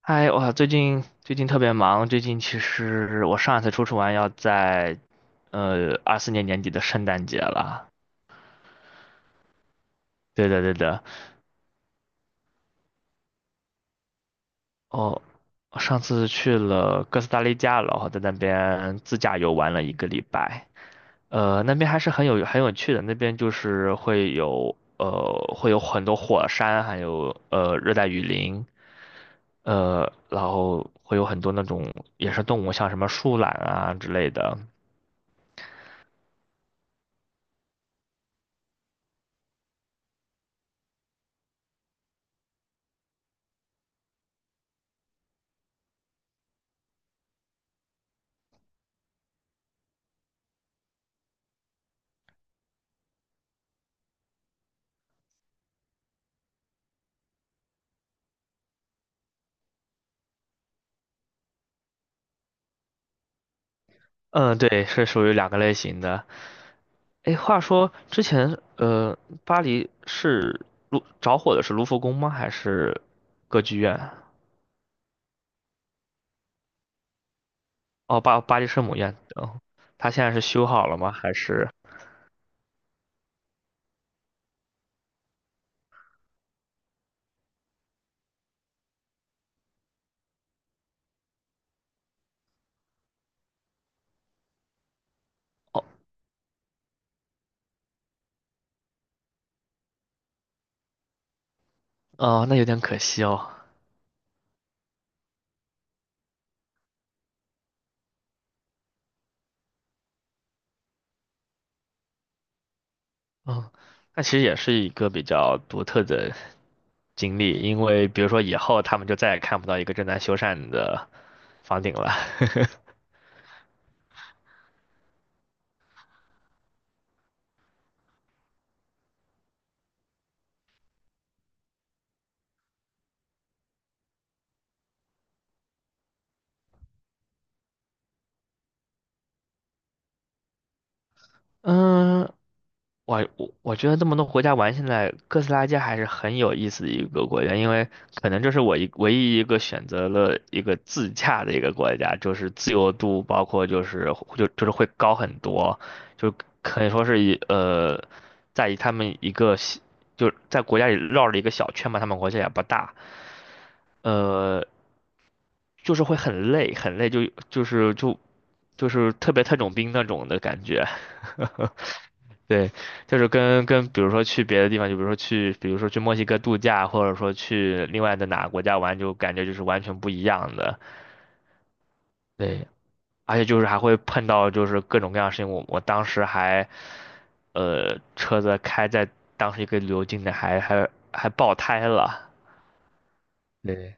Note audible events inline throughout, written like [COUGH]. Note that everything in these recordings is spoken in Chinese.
嗨，我最近特别忙。最近其实我上一次出去玩要在，24年年底的圣诞节了。对的，对的。哦，我上次去了哥斯达黎加，然后在那边自驾游玩了一个礼拜。那边还是很有趣的。那边就是会有很多火山，还有热带雨林，然后会有很多那种野生动物，像什么树懒啊之类的。嗯，对，是属于两个类型的。哎，话说之前，巴黎是卢着火的是卢浮宫吗？还是歌剧院？哦，巴黎圣母院。哦，它现在是修好了吗？还是？哦，哦，那有点可惜哦。嗯，那其实也是一个比较独特的经历，因为比如说以后他们就再也看不到一个正在修缮的房顶了。[LAUGHS] 嗯，我觉得这么多国家玩下来，哥斯拉街还是很有意思的一个国家，因为可能这是我唯一一个选择了一个自驾的一个国家，就是自由度包括就是会高很多，就可以说是在于他们一个小就是在国家里绕了一个小圈嘛，他们国家也不大，呃，就是会很累，就是就就是特别特种兵那种的感觉。[LAUGHS] 对，就是跟，比如说去别的地方，就比如说去，比如说去墨西哥度假，或者说去另外的哪个国家玩，就感觉就是完全不一样的。对，而且就是还会碰到就是各种各样的事情。我当时还，车子开在当时一个旅游景点还爆胎了。对，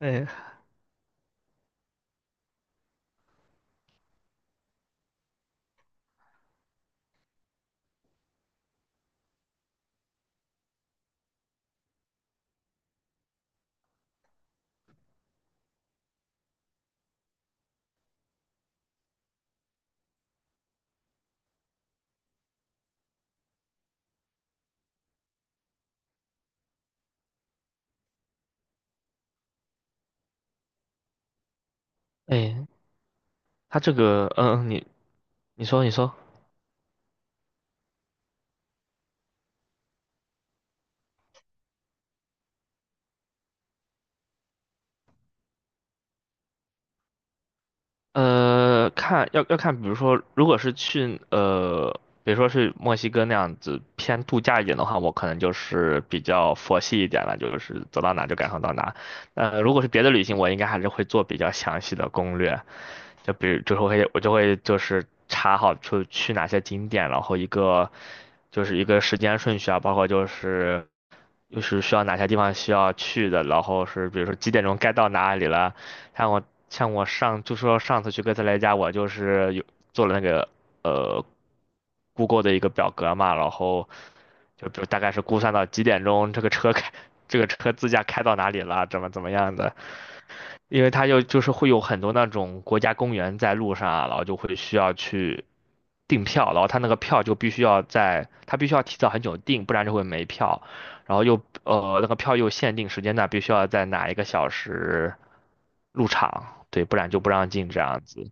哎哎，他这个，嗯，嗯，你你说，看要看，比如说，如果是去,比如说是墨西哥那样子偏度假一点的话，我可能就是比较佛系一点了，就是走到哪就赶上到哪。呃，如果是别的旅行，我应该还是会做比较详细的攻略，就比如就是我就会就是查好就去哪些景点，然后一个就是一个时间顺序啊，包括就是需要哪些地方需要去的，然后是比如说几点钟该到哪里了。像我像我上就说上次去哥斯达黎加，我就是有做了那个呃 Google 的一个表格嘛，然后就比如大概是估算到几点钟这个车开这个车自驾开到哪里了，怎么怎么样的。因为它就是会有很多那种国家公园在路上啊，然后就会需要去订票，然后他那个票就必须要在，他必须要提早很久订，不然就会没票。然后又那个票又限定时间段，必须要在哪一个小时入场，对，不然就不让进这样子。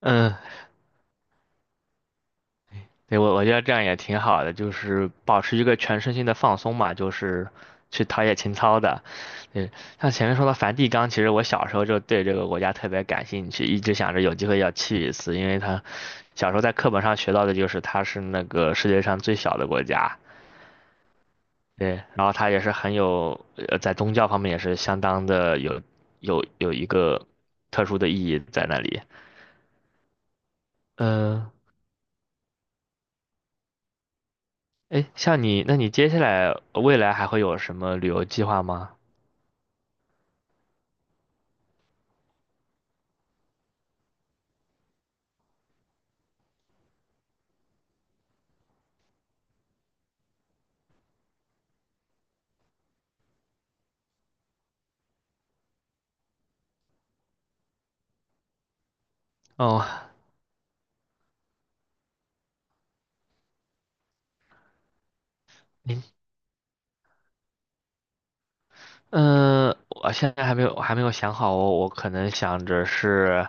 嗯，对，我觉得这样也挺好的，就是保持一个全身心的放松嘛，就是去陶冶情操的。嗯，像前面说的梵蒂冈，其实我小时候就对这个国家特别感兴趣，一直想着有机会要去一次，因为它小时候在课本上学到的就是它是那个世界上最小的国家。对，然后它也是很有，在宗教方面也是相当的有一个特殊的意义在那里。嗯、哎，像你，那你接下来未来还会有什么旅游计划吗？哦，您，嗯，我现在还没有，我还没有想好我，我可能想着是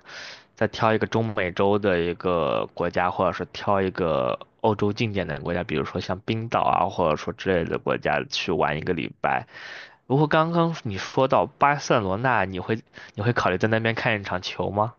再挑一个中美洲的一个国家，或者是挑一个欧洲近点的国家，比如说像冰岛啊，或者说之类的国家去玩一个礼拜。不过刚刚你说到巴塞罗那，你会考虑在那边看一场球吗？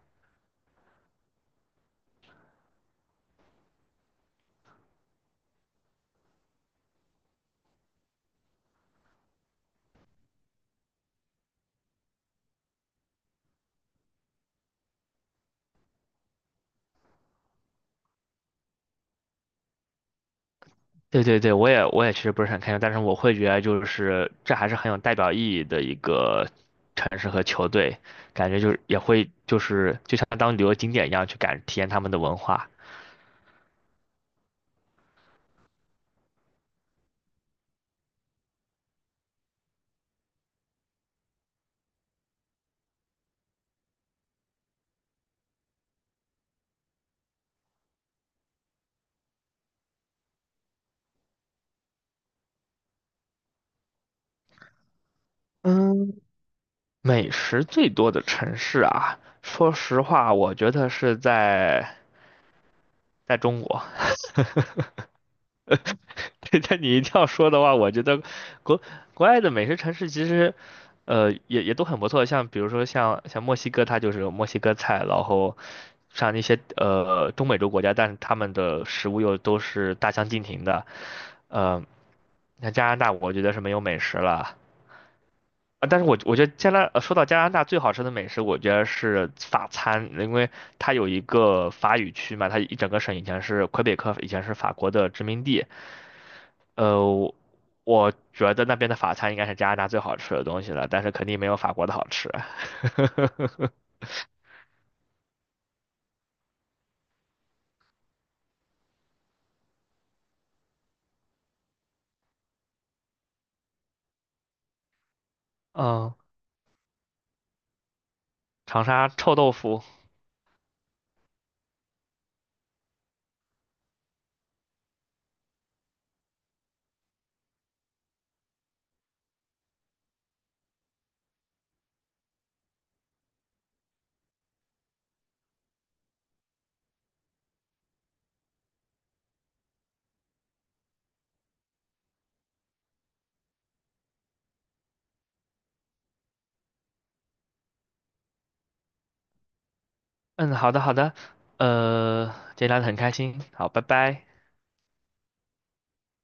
对对对，我也其实不是很开心，但是我会觉得就是这还是很有代表意义的一个城市和球队，感觉就是也会就是就像当旅游景点一样去感体验他们的文化。嗯，美食最多的城市啊，说实话，我觉得是在在中国。[LAUGHS] [LAUGHS] 对，但你一定要说的话，我觉得国国外的美食城市其实，也也都很不错。像比如说像墨西哥，它就是有墨西哥菜，然后像那些中美洲国家，但是他们的食物又都是大相径庭的。呃，像加拿大，我觉得是没有美食了。啊，但是我觉得加拿，说到加拿大最好吃的美食，我觉得是法餐，因为它有一个法语区嘛，它一整个省以前是魁北克，以前是法国的殖民地。呃，我我觉得那边的法餐应该是加拿大最好吃的东西了，但是肯定没有法国的好吃。嗯，长沙臭豆腐。嗯，好的，呃，今天聊得很开心，好，拜拜。